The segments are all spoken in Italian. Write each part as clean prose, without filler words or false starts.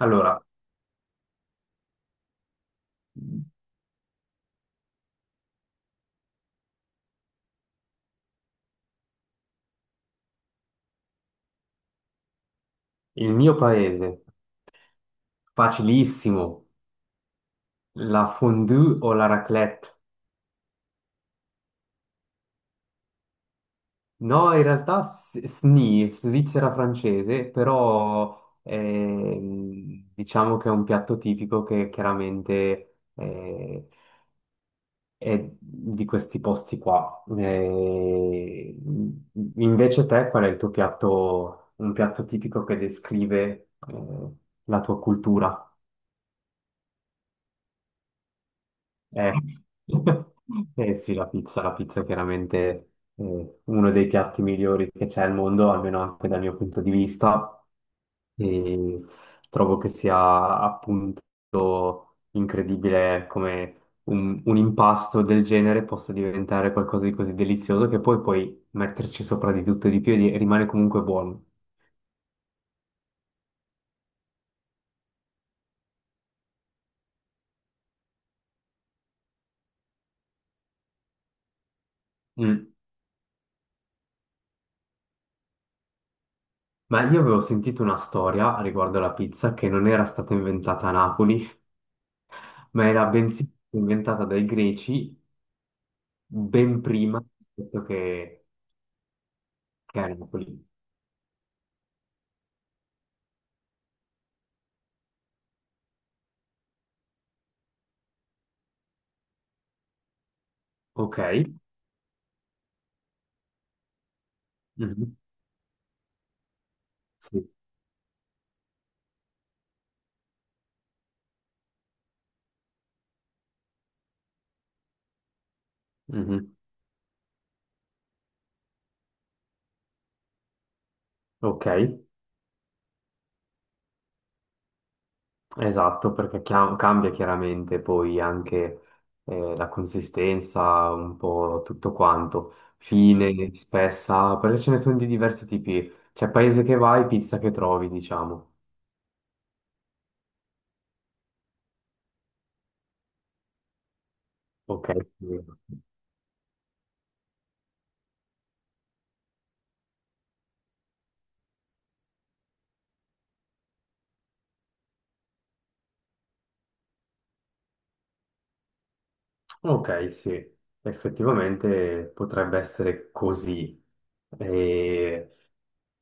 Allora, il mio paese, facilissimo, la fondue o la raclette? No, in realtà SNI, Svizzera francese, però diciamo che è un piatto tipico che chiaramente è di questi posti qua. Invece te, qual è il tuo piatto, un piatto tipico che descrive la tua cultura? Eh, eh sì, la pizza è chiaramente uno dei piatti migliori che c'è al mondo, almeno anche dal mio punto di vista, e trovo che sia appunto incredibile come un impasto del genere possa diventare qualcosa di così delizioso che poi puoi metterci sopra di tutto e di più e rimane comunque buono. Mm. Ma io avevo sentito una storia riguardo alla pizza che non era stata inventata a Napoli, ma era bensì inventata dai greci ben prima rispetto che a Napoli. Ok? Mhm. Sì. Mhm. Ok, esatto, perché cambia chiaramente poi anche la consistenza, un po' tutto quanto, fine, spessa, perché ce ne sono di diversi tipi. C'è paese che vai, pizza che trovi, diciamo. Ok, sì. Ok, sì, effettivamente potrebbe essere così. E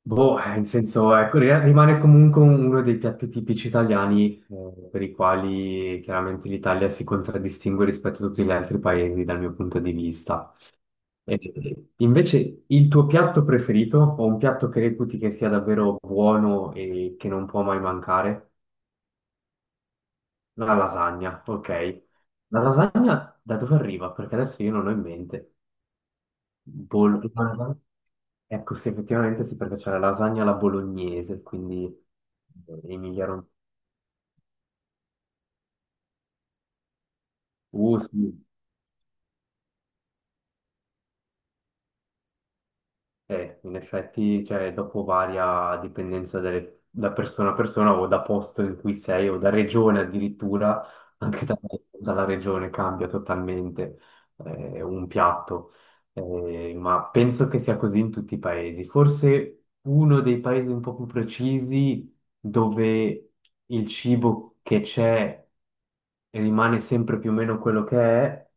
boh, in senso, ecco, rimane comunque uno dei piatti tipici italiani, per i quali chiaramente l'Italia si contraddistingue rispetto a tutti gli altri paesi dal mio punto di vista. Invece, il tuo piatto preferito, o un piatto che reputi che sia davvero buono e che non può mai mancare? La lasagna, ok. La lasagna da dove arriva? Perché adesso io non ho in mente. Lasagna? Ecco, sì, effettivamente sì, perché c'è la lasagna alla bolognese, quindi Emilia Romagna. Sì. In effetti, cioè, dopo varia a dipendenza da persona a persona o da posto in cui sei o da regione addirittura, anche dalla regione cambia totalmente un piatto. Ma penso che sia così in tutti i paesi. Forse uno dei paesi un po' più precisi dove il cibo che c'è rimane sempre più o meno quello che è,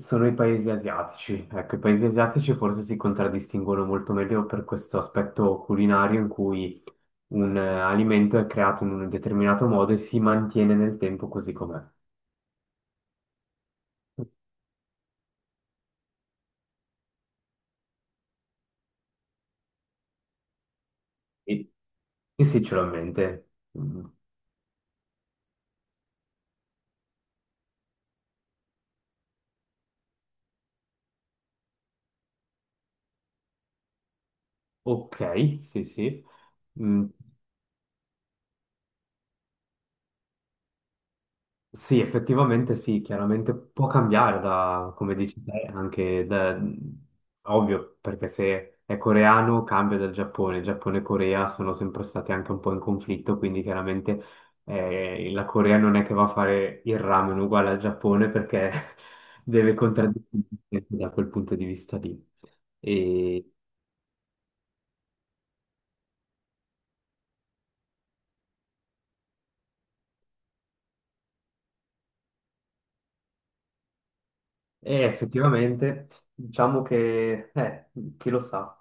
sono i paesi asiatici. Ecco, i paesi asiatici forse si contraddistinguono molto meglio per questo aspetto culinario in cui un alimento è creato in un determinato modo e si mantiene nel tempo così com'è. E, e sì, ce l'ho in mente. Mm, ok, sì, sì. Mm, sì, effettivamente sì, chiaramente può cambiare da, come dici te, anche da, ovvio, perché se è coreano cambia dal Giappone, Giappone e Corea sono sempre stati anche un po' in conflitto, quindi chiaramente la Corea non è che va a fare il ramen uguale al Giappone perché deve contraddire da quel punto di vista lì. E, e effettivamente, diciamo che, chi lo sa,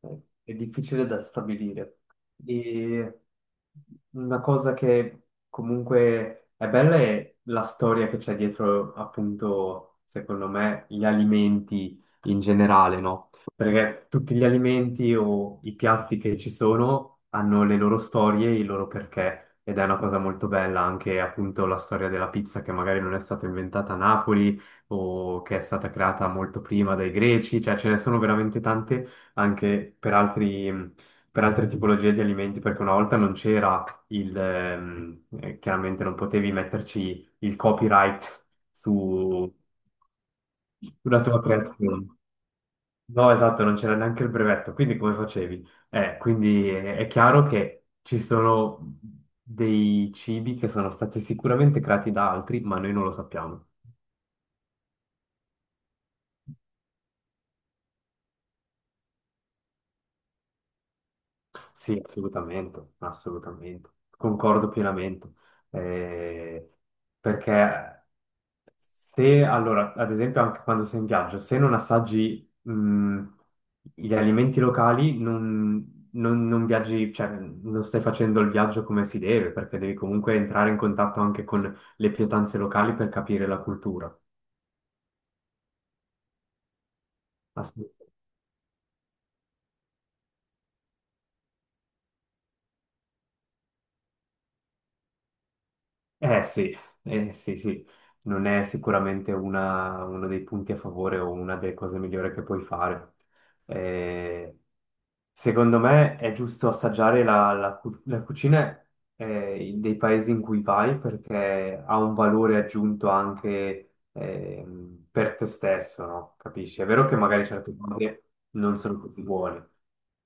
è difficile da stabilire. E una cosa che comunque è bella è la storia che c'è dietro, appunto, secondo me, gli alimenti in generale, no? Perché tutti gli alimenti o i piatti che ci sono hanno le loro storie, e i loro perché. Ed è una cosa molto bella anche appunto la storia della pizza che magari non è stata inventata a Napoli, o che è stata creata molto prima dai greci, cioè ce ne sono veramente tante anche per per altre tipologie di alimenti, perché una volta non c'era il, chiaramente non potevi metterci il copyright sulla tua creazione. No, esatto, non c'era neanche il brevetto, quindi come facevi? Quindi è chiaro che ci sono dei cibi che sono stati sicuramente creati da altri, ma noi non lo sappiamo. Sì, assolutamente, assolutamente. Concordo pienamente. Eh, perché se, allora, ad esempio, anche quando sei in viaggio, se non assaggi, gli alimenti locali, non viaggi, cioè, non stai facendo il viaggio come si deve, perché devi comunque entrare in contatto anche con le pietanze locali per capire la cultura. Assolutamente. Eh sì, eh sì, sì, non è sicuramente uno dei punti a favore o una delle cose migliori che puoi fare. Eh, secondo me è giusto assaggiare la la cucina dei paesi in cui vai perché ha un valore aggiunto anche per te stesso, no? Capisci? È vero che magari certe cose non sono così buone,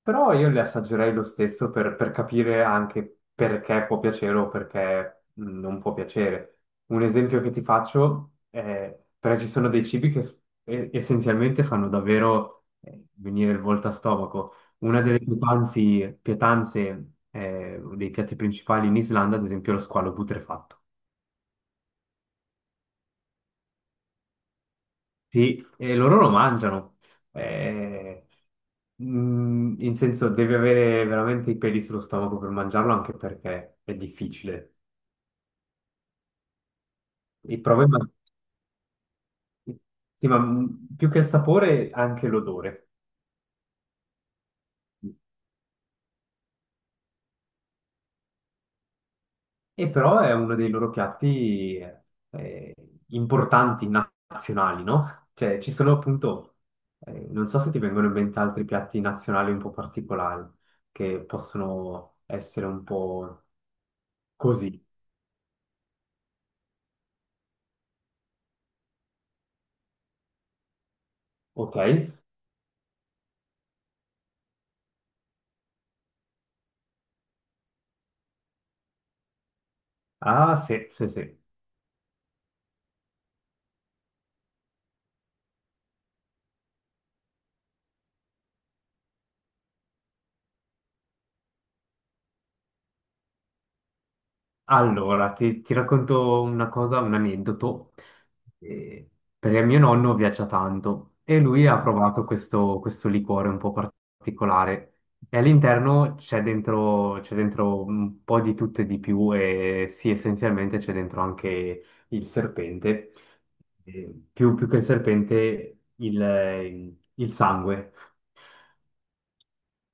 però io le assaggerei lo stesso per capire anche perché può piacere o perché non può piacere. Un esempio che ti faccio è, perché ci sono dei cibi che essenzialmente fanno davvero venire il volto a stomaco. Una delle pietanze, dei piatti principali in Islanda, ad esempio, è lo squalo putrefatto. Sì, e loro lo mangiano. Eh, mm, in senso, devi avere veramente i peli sullo stomaco per mangiarlo, anche perché è difficile. Il problema, sì, ma mm, più che il sapore, anche l'odore. E però è uno dei loro piatti eh, importanti, nazionali, no? Cioè, ci sono appunto, non so se ti vengono in mente altri piatti nazionali un po' particolari, che possono essere un po' così, ok? Ah, sì, sì, sì. Allora, ti racconto una cosa, un aneddoto. Eh, perché mio nonno viaggia tanto e lui ha provato questo liquore un po' particolare. E all'interno c'è dentro un po' di tutto e di più e sì, essenzialmente c'è dentro anche il serpente. Più che il serpente, il sangue.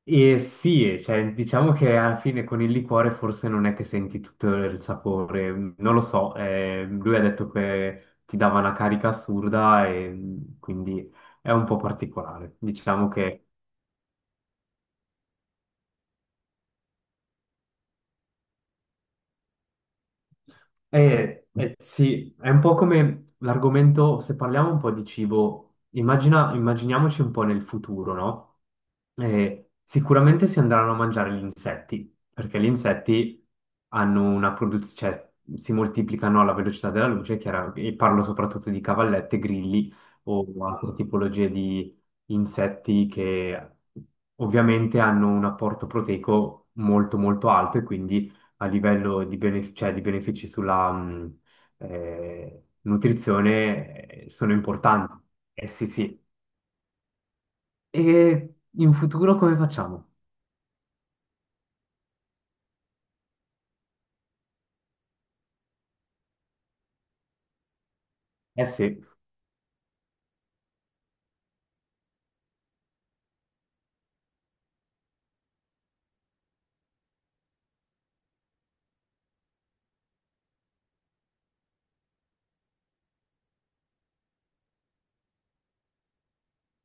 E sì, e cioè, diciamo che alla fine con il liquore forse non è che senti tutto il sapore, mm, non lo so, lui ha detto che ti dava una carica assurda e mm, quindi è un po' particolare. Diciamo che sì, è un po' come l'argomento, se parliamo un po' di cibo, immaginiamoci un po' nel futuro, no? Sicuramente si andranno a mangiare gli insetti, perché gli insetti hanno una produzione, cioè si moltiplicano alla velocità della luce, e parlo soprattutto di cavallette, grilli o altre tipologie di insetti che ovviamente hanno un apporto proteico molto molto alto e quindi a livello cioè, di benefici sulla nutrizione sono importanti. Eh sì, sì. E in futuro come facciamo? Eh sì.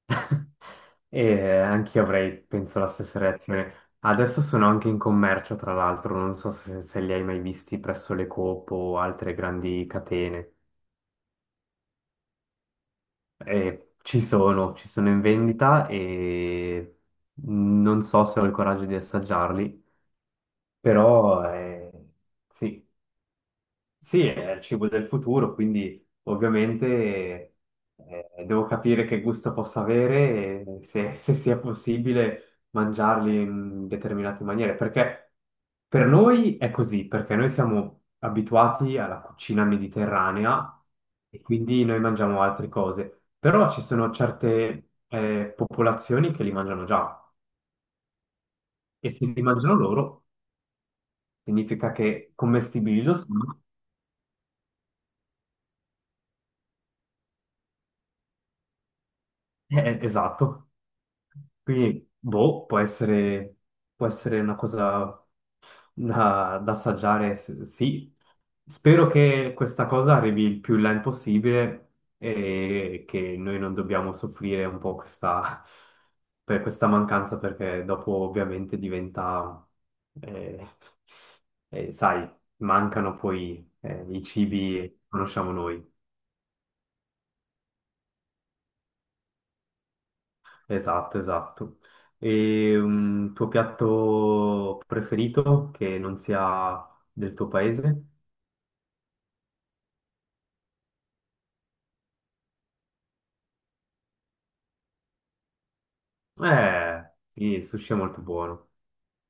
E anche io avrei, penso, la stessa reazione. Adesso sono anche in commercio, tra l'altro, non so se li hai mai visti presso le Coop o altre grandi catene. Ci sono in vendita e non so se ho il coraggio di assaggiarli. Però sì, sì, è il cibo del futuro, quindi ovviamente devo capire che gusto possa avere e se sia possibile mangiarli in determinate maniere, perché per noi è così, perché noi siamo abituati alla cucina mediterranea e quindi noi mangiamo altre cose, però ci sono certe popolazioni che li mangiano già e se li mangiano loro significa che commestibili lo sono. Esatto. Quindi, boh, può essere una cosa da, da assaggiare, sì. Spero che questa cosa arrivi il più in là il possibile e che noi non dobbiamo soffrire un po' questa, per questa mancanza, perché dopo ovviamente diventa, eh, sai, mancano poi i cibi che conosciamo noi. Esatto, esatto. E un tuo piatto preferito che non sia del tuo paese? Sì, il sushi è molto buono.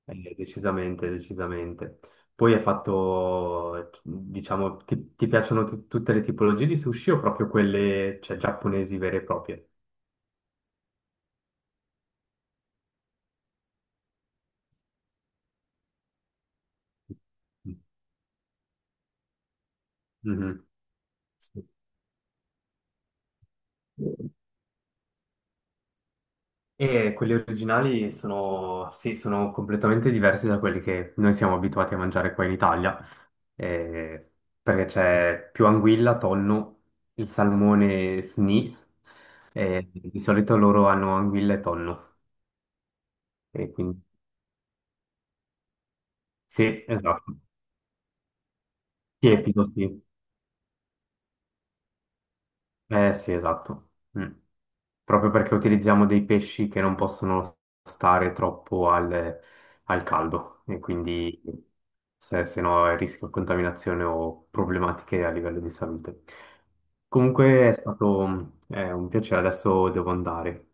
Decisamente, decisamente. Poi hai fatto, diciamo, ti piacciono tutte le tipologie di sushi o proprio quelle, cioè, giapponesi vere e proprie? Mhm. Sì. E quelli originali sono, sì, sono completamente diversi da quelli che noi siamo abituati a mangiare qua in Italia, eh, perché c'è più anguilla, tonno, il salmone sni, di solito loro hanno anguilla e tonno, e quindi sì, esatto, tiepido, sì. Eh sì, esatto. Mm. Proprio perché utilizziamo dei pesci che non possono stare troppo al, al caldo e quindi se, se no è rischio di contaminazione o problematiche a livello di salute. Comunque è stato un piacere, adesso devo andare.